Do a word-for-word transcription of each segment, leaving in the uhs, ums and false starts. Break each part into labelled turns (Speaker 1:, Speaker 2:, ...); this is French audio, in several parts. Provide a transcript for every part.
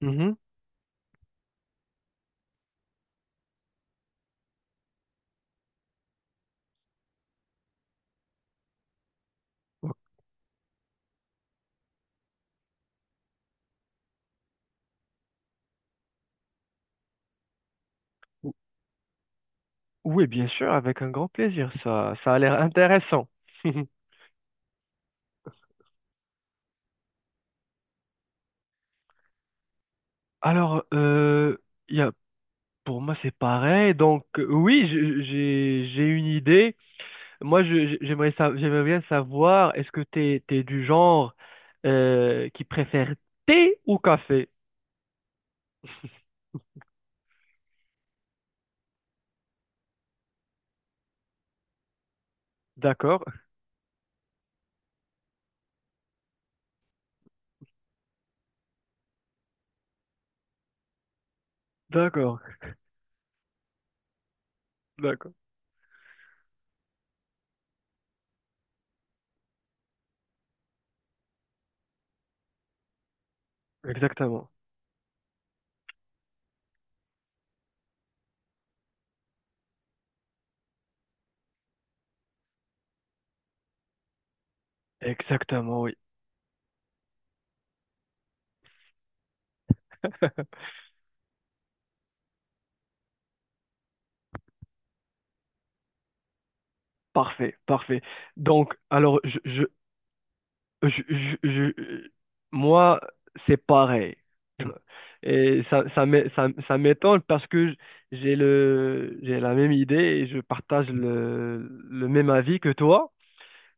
Speaker 1: Mhm. Ou- Oui, bien sûr, avec un grand plaisir. Ça, ça a l'air intéressant. Alors, euh, y a- pour moi, c'est pareil. Donc, euh, oui, je- j'ai j'ai une idée. Moi, je- je- j'aimerais sa- j'aimerais bien savoir, est-ce que t'es t'es du genre euh, qui préfère thé ou café? D'accord, d'accord, d'accord. Exactement, exactement, oui. Parfait, parfait. Donc, alors, je, Je, je- je- moi, c'est pareil. Et ça, ça m'é- ça- ça m'étonne parce que j'ai le, j'ai la même idée et je partage le, le même avis que toi.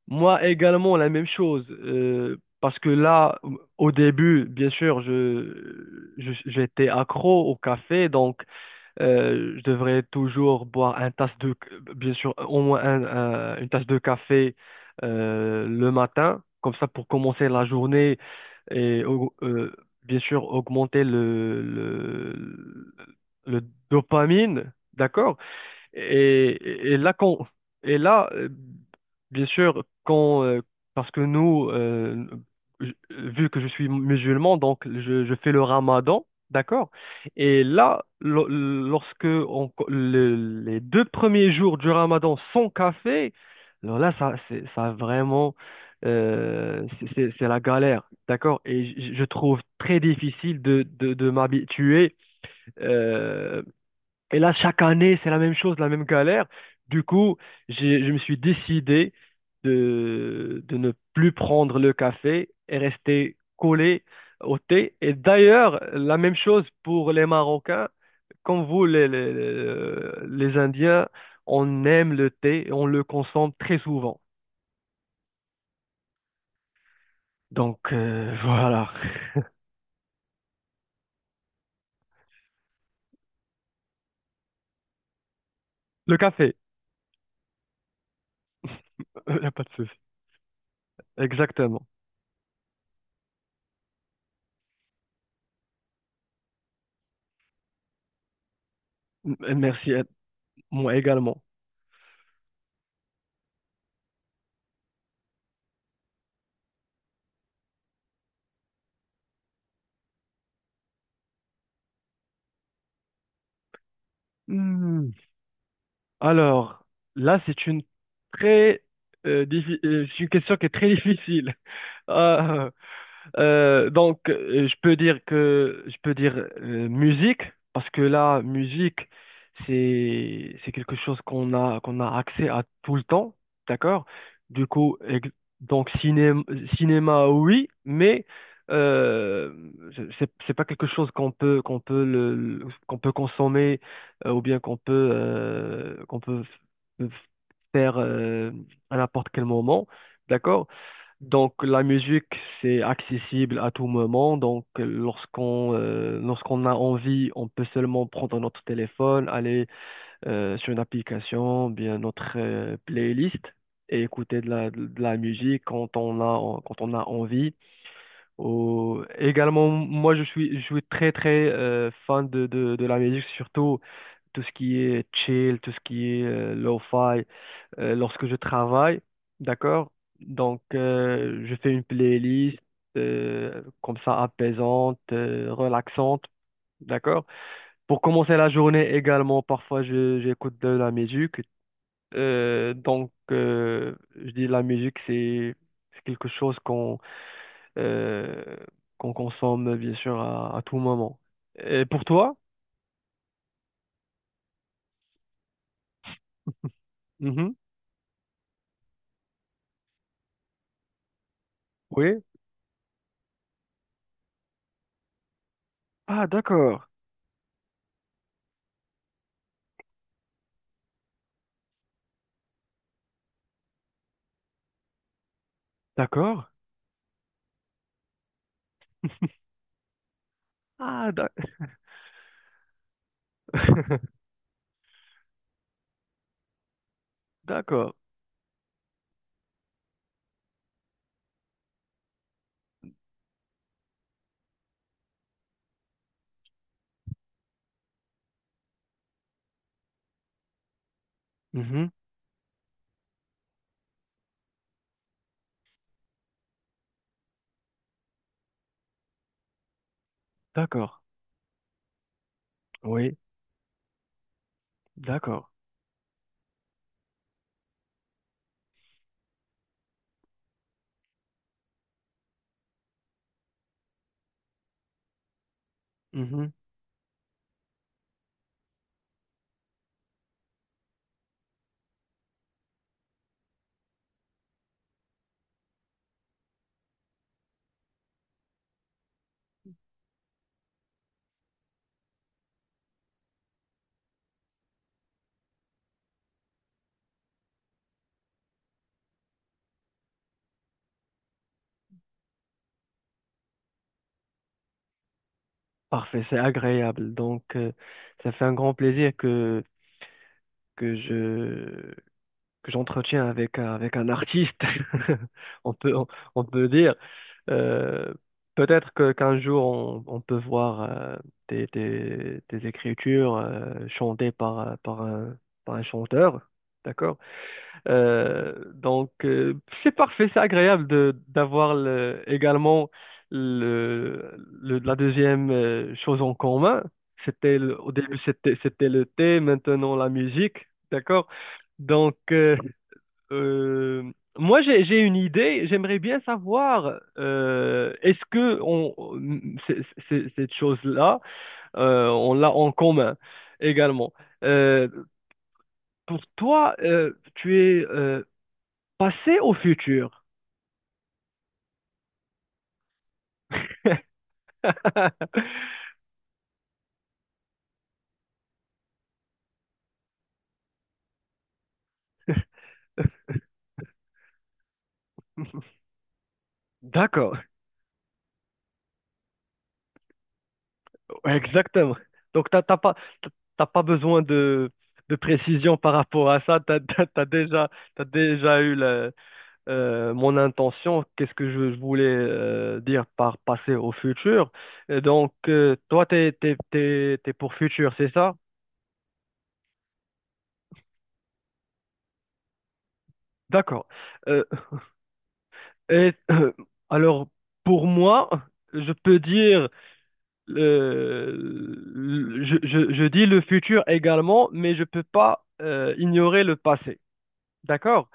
Speaker 1: Moi également, la même chose. euh, parce que là, au début, bien sûr, je, je- j'étais accro au café, donc euh, je devrais toujours boire un tasse de, bien sûr, au moins un- un- une tasse de café euh, le matin, comme ça pour commencer la journée et au- euh, bien sûr augmenter le, le, le dopamine, d'accord? Et, et là, quand, et là, euh, bien sûr, quand, euh, parce que nous, euh, je- vu que je suis musulman, donc je, je fais le ramadan, d'accord? Et là, lo- lorsque on- co- le- les deux premiers jours du ramadan sont café, alors là, ça, c'est, ça vraiment, euh, c'est c'est- c'est la galère, d'accord? Et je, je trouve très difficile de, de, de m'habituer euh, et là, chaque année, c'est la même chose, la même galère. Du coup, j'ai- je me suis décidé de, de ne plus prendre le café et rester collé au thé. Et d'ailleurs, la même chose pour les Marocains. Comme vous, les, les, les les Indiens, on aime le thé et on le consomme très souvent. Donc, euh, voilà. Le café, il n'y a pas de souci. Exactement. M- Merci à moi également. Hmm. Alors, là, c'est une très euh, diffi- euh, c'est une question qui est très difficile. Euh, donc, euh, je peux dire que je peux dire euh, musique parce que là, musique, c'est c'est quelque chose qu'on a qu'on a accès à tout le temps, d'accord? Du coup, ex- donc cinéma, cinéma, oui, mais euh, c'est c'est c'est pas quelque chose qu'on peut qu'on peut le le- qu'on peut consommer euh, ou bien qu'on peut euh, qu'on peut f- f- faire euh, à n'importe quel moment, d'accord? Donc la musique, c'est accessible à tout moment. Donc euh, lorsqu'on euh, lorsqu'on a envie, on peut seulement prendre notre téléphone, aller euh, sur une application, bien notre euh, playlist et écouter de la, de la musique quand on a quand on a envie. Ou- également, moi je suis je suis très très euh, fan de, de de la musique, surtout tout ce qui est chill, tout ce qui est euh, lo-fi, euh, lorsque je travaille, d'accord? Donc, euh, je fais une playlist euh, comme ça apaisante, euh, relaxante, d'accord? Pour commencer la journée également, parfois je- j'écoute de la musique. Euh, donc, euh, je dis la musique, c'est c'est quelque chose qu'on euh, qu'on consomme bien sûr à, à tout moment. Et pour toi? Mhm. Oui. Ah, d'accord, d'accord. Ah, d'ac- d'accord. Mhm. D'accord. Oui, d'accord. Mhm. Parfait, c'est agréable. Donc, euh, ça fait un grand plaisir que, que je, que j'entretiens avec, un- avec un artiste, on peut, on, on peut dire. Euh, peut-être que, qu'un jour, on, on peut voir euh, tes, tes, tes écritures euh, chantées par, un- par un, par un chanteur. D'accord? Euh, donc, euh, c'est parfait, c'est agréable de d'avoir le- également le, le- la deuxième euh, chose en commun. C'était le- au début, c'était c'était le thé, maintenant la musique, d'accord? Donc, euh, euh, moi, j'ai j'ai une idée. J'aimerais bien savoir, euh, est-ce que on c'est- c'est- cette chose-là, euh, on l'a en commun également. Euh, pour toi, euh, tu es euh, passé au futur. D'accord, exactement. Donc, t'as t'as pas, t'as t'as pas besoin de, de précision par rapport à ça. T'as, t'as, t'as déjà, t'as déjà eu la- euh, mon intention. Qu'est-ce que je voulais euh, dire par passer au futur? Et donc, euh, toi, t'es, t'es, t'es, t'es pour futur, c'est ça? D'accord. Euh, et alors, pour moi, je peux dire le- le- je, je- je dis le futur également, mais je peux pas euh, ignorer le passé. D'accord?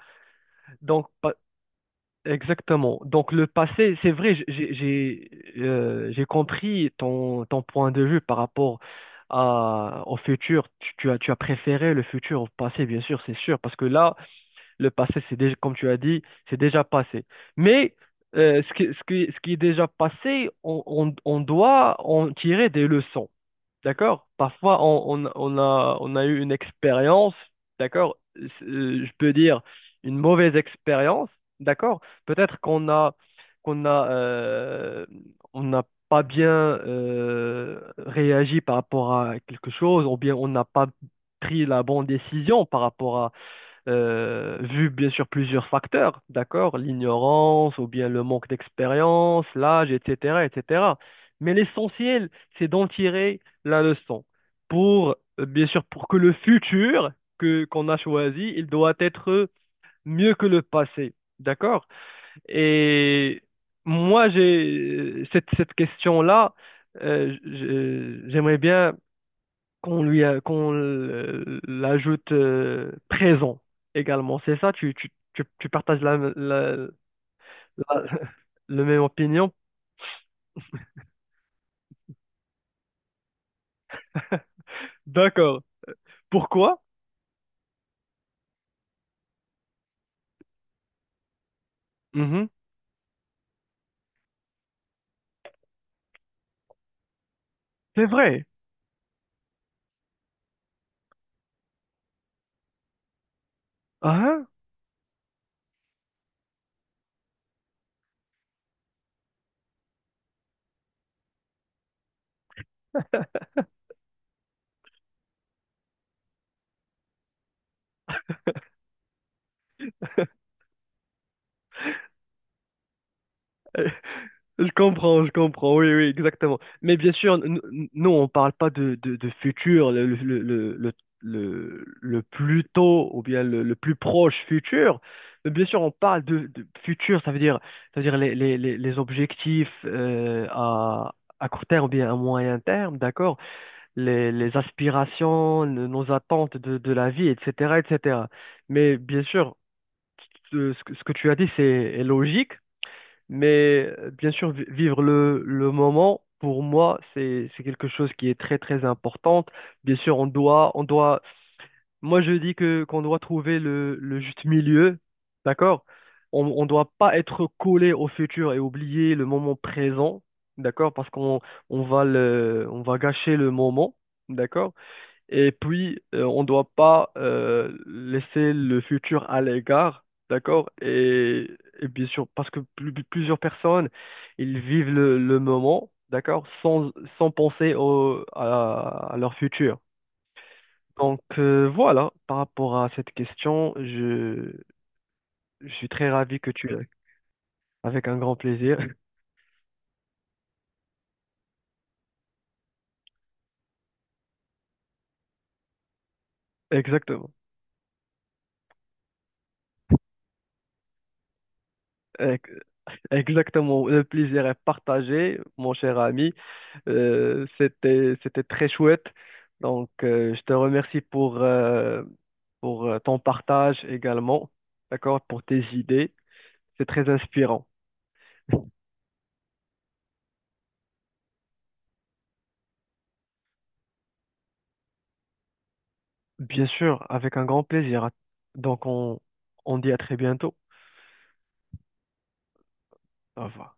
Speaker 1: Donc, pa- exactement. Donc, le passé, c'est vrai, j- j'ai, j'ai, euh, j'ai compris ton, ton point de vue par rapport à, au futur. Tu, tu as, tu as préféré le futur au passé, bien sûr, c'est sûr, parce que là, le passé, c'est déjà, comme tu as dit, c'est déjà passé. Mais euh, ce qui, ce qui, ce qui est déjà passé, on, on on doit en tirer des leçons. D'accord? Parfois, on, on- on a, on a eu une expérience, d'accord? C'est- Euh, Je peux dire une mauvaise expérience, d'accord? Peut-être qu'on a, qu'on a, euh, on n'a pas bien euh, réagi par rapport à quelque chose, ou bien on n'a pas pris la bonne décision par rapport euh, vu bien sûr plusieurs facteurs, d'accord, l'ignorance ou bien le manque d'expérience, l'âge, et cetera, et cetera. Mais l'essentiel, c'est d'en tirer la leçon pour, euh, bien sûr, pour que le futur que qu'on a choisi, il doit être mieux que le passé, d'accord? Et moi, j'ai euh, cette, cette question-là, euh, je- j'aimerais bien qu'on lui a- qu'on l- l'ajoute euh, présent également. C'est ça, tu, tu, tu, tu partages la, la, la la même opinion? D'accord. Pourquoi? Mhm. C'est vrai. Ah, hein. Je comprends, je comprends, oui, oui, exactement. Mais bien sûr, n- n- nous, on parle pas de, de, de futur, le, le, le, le, le- le plus tôt ou bien le, le plus proche futur. Mais bien sûr, on parle de, de futur, ça veut dire, ça veut dire les, les, les, les objectifs euh, à, à court terme ou bien à moyen terme, d'accord? Les, les aspirations, le- nos attentes de, de la vie, et cetera, et cetera. Mais bien sûr, ce ce que ce que tu as dit, c'est est logique. Mais euh, bien sûr, vi- vivre le, le moment, pour moi, c'est, c'est quelque chose qui est très, très importante. Bien sûr, on doit, on doit, moi, je dis que, qu'on doit trouver le, le juste milieu, d'accord? On, on doit pas être collé au futur et oublier le moment présent, d'accord? Parce qu'on, on va le, on va gâcher le moment, d'accord? Et puis, euh, on ne doit pas euh, laisser le futur à l'égard, d'accord? Et, et bien sûr, parce que plus- plusieurs personnes, ils vivent le, le moment, d'accord? Sans, sans penser au, à, à leur futur. Donc euh, voilà, par rapport à cette question, je, je suis très ravi que tu l'aies. Avec un grand plaisir. Exactement. Exactement, le plaisir est partagé, mon cher ami. Euh, c'était, c'était très chouette. Donc, euh, je te remercie pour, euh, pour euh, ton partage également, d'accord, pour tes idées. C'est très inspirant. Bien sûr, avec un grand plaisir. Donc, on, on dit à très bientôt. Au revoir.